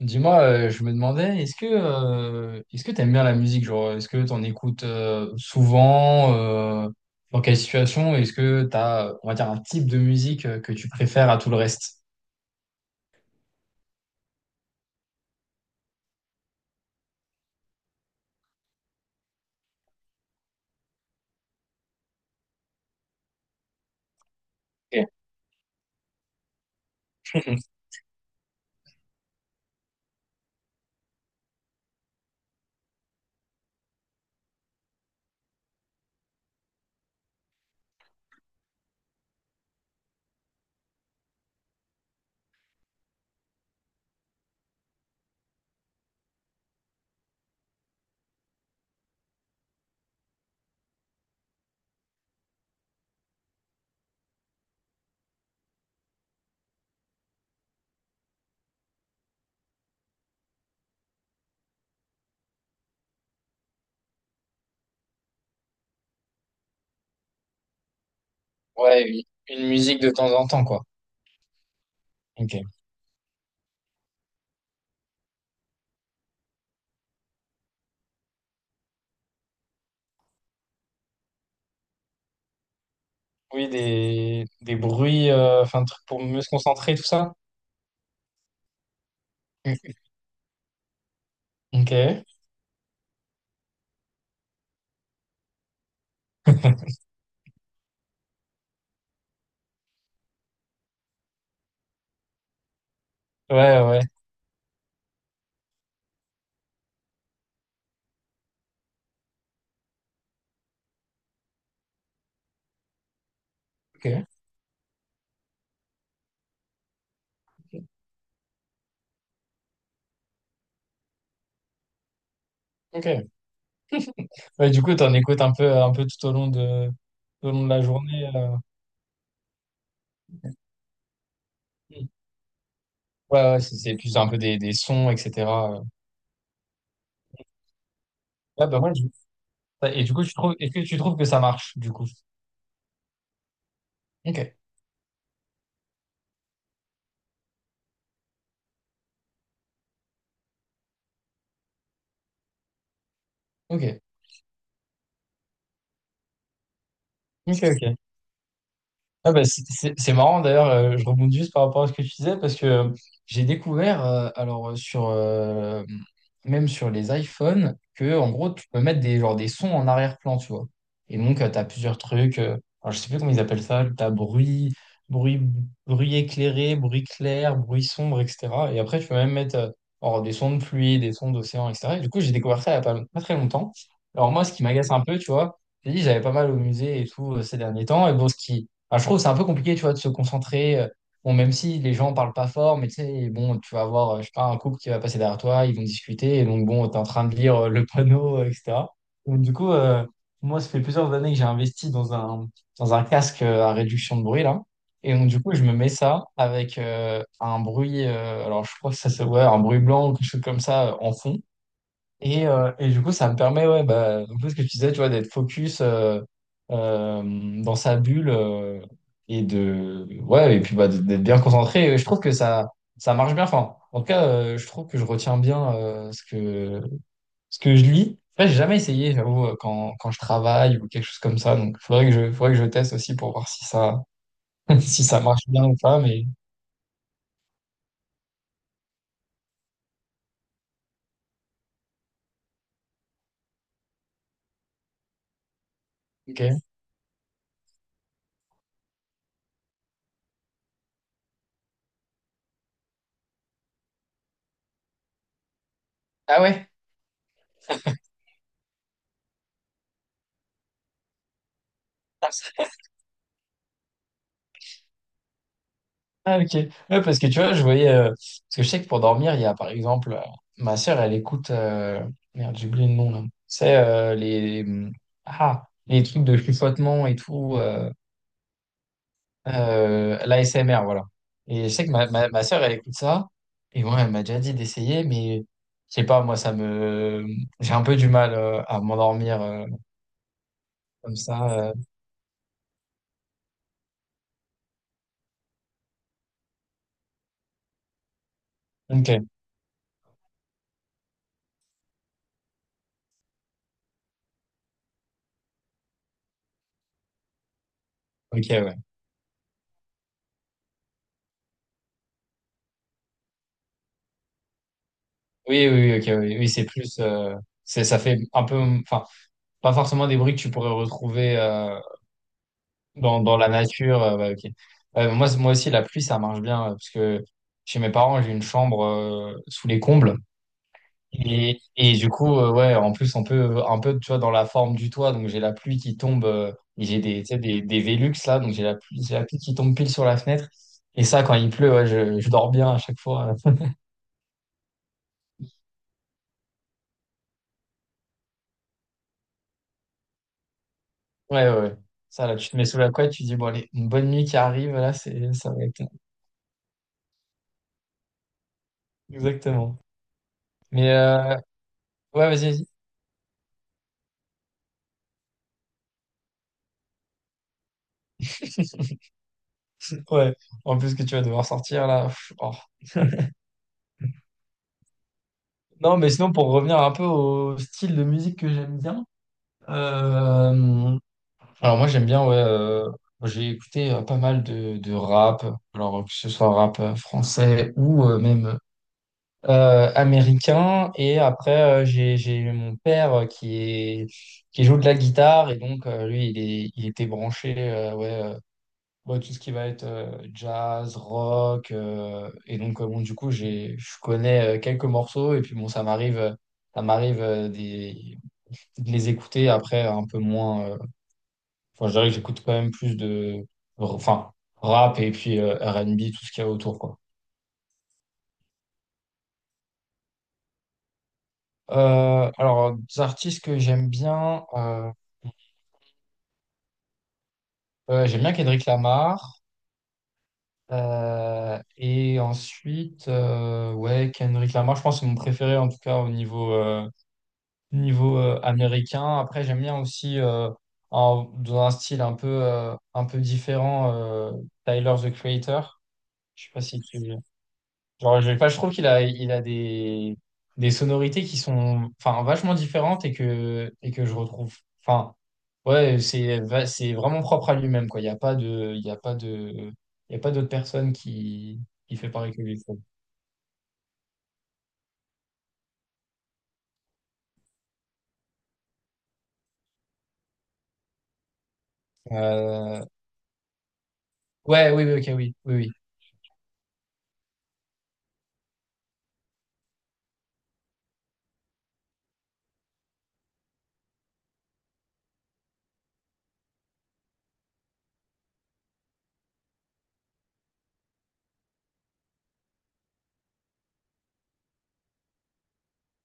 Dis-moi, je me demandais, est-ce que t'aimes bien la musique, genre, est-ce que t'en écoutes souvent, dans quelle situation, est-ce que t'as, on va dire, un type de musique que tu préfères à tout le reste? Ok. Ouais, une musique de temps en temps, quoi. Ok. Oui, des bruits, enfin, trucs pour mieux se concentrer, tout ça? Ok. Ouais, ouais. Ok. Ok. Ouais, du coup, t'en écoutes un peu tout au long de la journée. Ouais, ouais, c'est plus un peu des sons, etc. euh. Ouais, bah, moi, et du coup, est-ce que tu trouves que ça marche, du coup? Ok, ok, ok, ok. Ah bah, c'est marrant d'ailleurs, je rebondis juste par rapport à ce que tu disais parce que j'ai découvert, alors même sur les iPhones, que en gros tu peux mettre des, genre, des sons en arrière-plan, tu vois. Et donc tu as plusieurs trucs, alors, je sais plus comment ils appellent ça, tu as bruit, bruit éclairé, bruit clair, bruit sombre, etc. Et après tu peux même mettre alors, des sons de pluie, des sons d'océan, etc. Et du coup j'ai découvert ça il n'y a pas très longtemps. Alors moi ce qui m'agace un peu, tu vois, j'ai dit j'avais pas mal au musée et tout ces derniers temps, et bon ce qui Enfin, je trouve que c'est un peu compliqué, tu vois, de se concentrer. Bon, même si les gens parlent pas fort, mais tu sais, bon, tu vas avoir, je sais pas, un couple qui va passer derrière toi, ils vont discuter, et donc bon, t'es en train de lire le panneau, etc. Donc du coup, moi, ça fait plusieurs années que j'ai investi dans un casque à réduction de bruit, là. Et donc du coup, je me mets ça avec un bruit, alors je crois que ça se ouais, un bruit blanc ou quelque chose comme ça en fond. Et du coup, ça me permet, ouais, bah, un peu ce que tu disais, tu vois, d'être focus dans sa bulle ouais, et puis bah, d'être bien concentré. Et je trouve que ça marche bien. Enfin, en tout cas, je trouve que je retiens bien ce que je lis. Après, j'ai jamais essayé, j'avoue, quand je travaille ou quelque chose comme ça. Donc, faudrait que je teste aussi pour voir si ça, si ça marche bien ou pas. Mais, ok. Ah ouais? Ah, ok. Ouais, parce que tu vois, je voyais, parce que je sais que pour dormir, il y a par exemple, ma sœur, elle écoute, merde, j'ai oublié le nom là. C'est les. Ah, les trucs de chuchotement et tout. L'ASMR, voilà. Et je sais que ma sœur, elle écoute ça. Et moi, elle m'a déjà dit d'essayer, mais je sais pas, moi, ça me. J'ai un peu du mal à m'endormir comme ça. Ok, ok, ouais. Oui, oui, oui, ok, oui. Oui, c'est plus. Ça fait un peu. Enfin. Pas forcément des bruits que tu pourrais retrouver dans la nature. Ouais, ok. Moi aussi, la pluie, ça marche bien, parce que chez mes parents, j'ai une chambre sous les combles. Et du coup, ouais, en plus, on peut un peu, tu vois, dans la forme du toit, donc j'ai la pluie qui tombe, et j'ai des, tu sais, des Velux là, donc j'ai la pluie qui tombe pile sur la fenêtre. Et ça, quand il pleut, ouais, je dors bien à chaque fois. Ouais, ouais. Ouais. Ça, là, tu te mets sous la couette, tu dis, bon, allez, une bonne nuit qui arrive, là, ça va être. Exactement. Mais, ouais, vas-y, vas-y. Ouais, en plus que tu vas devoir sortir là. Pff, oh. Non, mais sinon, pour revenir un peu au style de musique que j'aime bien. euh, alors, moi, j'aime bien, ouais. J'ai écouté pas mal de rap, alors que ce soit rap français ou même américain. Et après, j'ai eu mon père qui joue de la guitare. Et donc, lui, il était branché, ouais. Bon, tout ce qui va être jazz, rock. Et donc, bon, du coup, je connais quelques morceaux. Et puis, bon, ça m'arrive de les écouter après un peu moins. Enfin, je dirais que j'écoute quand même plus de, enfin, rap et puis R&B, tout ce qu'il y a autour, quoi. Alors, des artistes que j'aime bien Kendrick Lamar. Et ensuite, ouais, Kendrick Lamar, je pense que c'est mon préféré en tout cas au niveau, américain. Après, j'aime bien aussi dans un style un peu différent, Tyler, the Creator. Je sais pas si tu... Genre, je, sais pas, je trouve qu'il a des sonorités qui sont enfin, vachement différentes et que je retrouve. Enfin, ouais, c'est vraiment propre à lui-même, quoi. Il y a pas d'autres personnes qui fait pareil que lui, je trouve. Euh, ouais, oui, oui, ok, oui, oui, oui.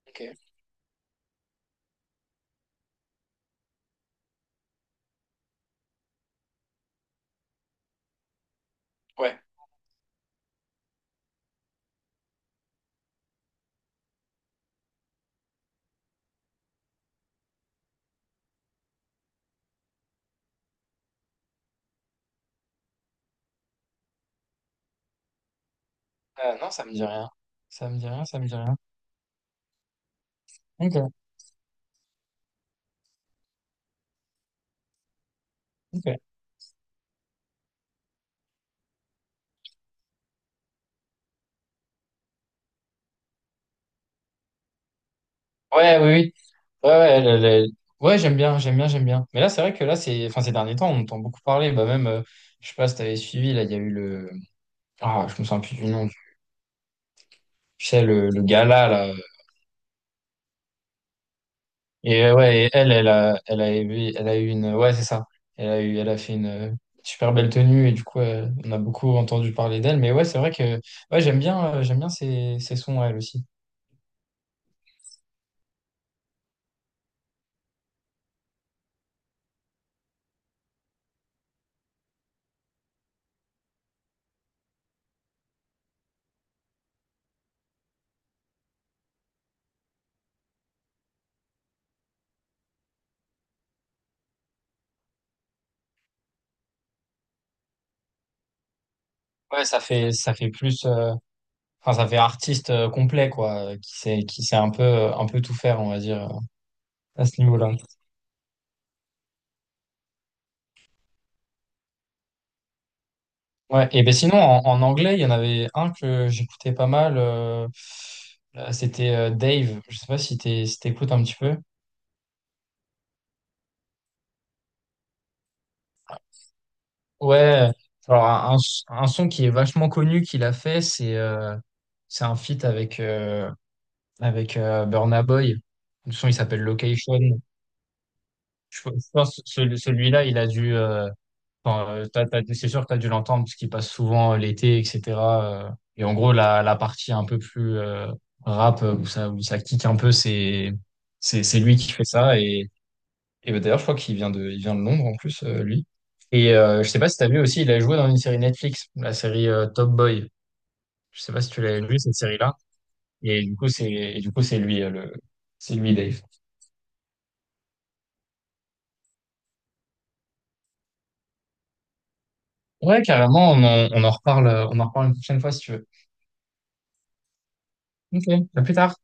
Ok. Ouais. Non, ça me dit rien. Ça me dit rien, ça me dit rien. Ok, ok. Ouais, oui, oui. Ouais, ouais, le- ouais, j'aime bien, j'aime bien, j'aime bien. Mais là, c'est vrai que là, enfin, ces derniers temps, on entend beaucoup parler. Bah, même, je sais pas si t'avais suivi, là, il y a eu le, ah, je me souviens plus du nom. Tu sais, le gala, là. Et ouais, et elle a eu une, ouais, c'est ça. Elle a fait une super belle tenue et du coup, on a beaucoup entendu parler d'elle. Mais ouais, c'est vrai que, ouais, j'aime bien ces sons, elle aussi. Ouais, ça fait plus. Enfin, ça fait artiste complet, quoi, qui sait un peu tout faire, on va dire, à ce niveau-là. Ouais, et ben sinon, en anglais, il y en avait un que j'écoutais pas mal. C'était Dave. Je sais pas si t'écoutes un petit peu. Ouais, alors un son qui est vachement connu qu'il a fait, c'est un feat avec Burna Boy. Le son, il s'appelle Location. Je pense que celui-là, il a dû, enfin, c'est sûr que tu as dû l'entendre parce qu'il passe souvent l'été, etc. euh. Et en gros, la partie un peu plus rap où ça kick un peu, c'est lui qui fait ça. Et bah, d'ailleurs, je crois qu'il vient de Londres en plus, lui. Et je sais pas si tu as vu aussi, il a joué dans une série Netflix, la série Top Boy. Je sais pas si tu l'as vu, cette série-là. Et du coup, c'est lui, Dave. Ouais, carrément, on en reparle une prochaine fois si tu veux. Ok, à plus tard.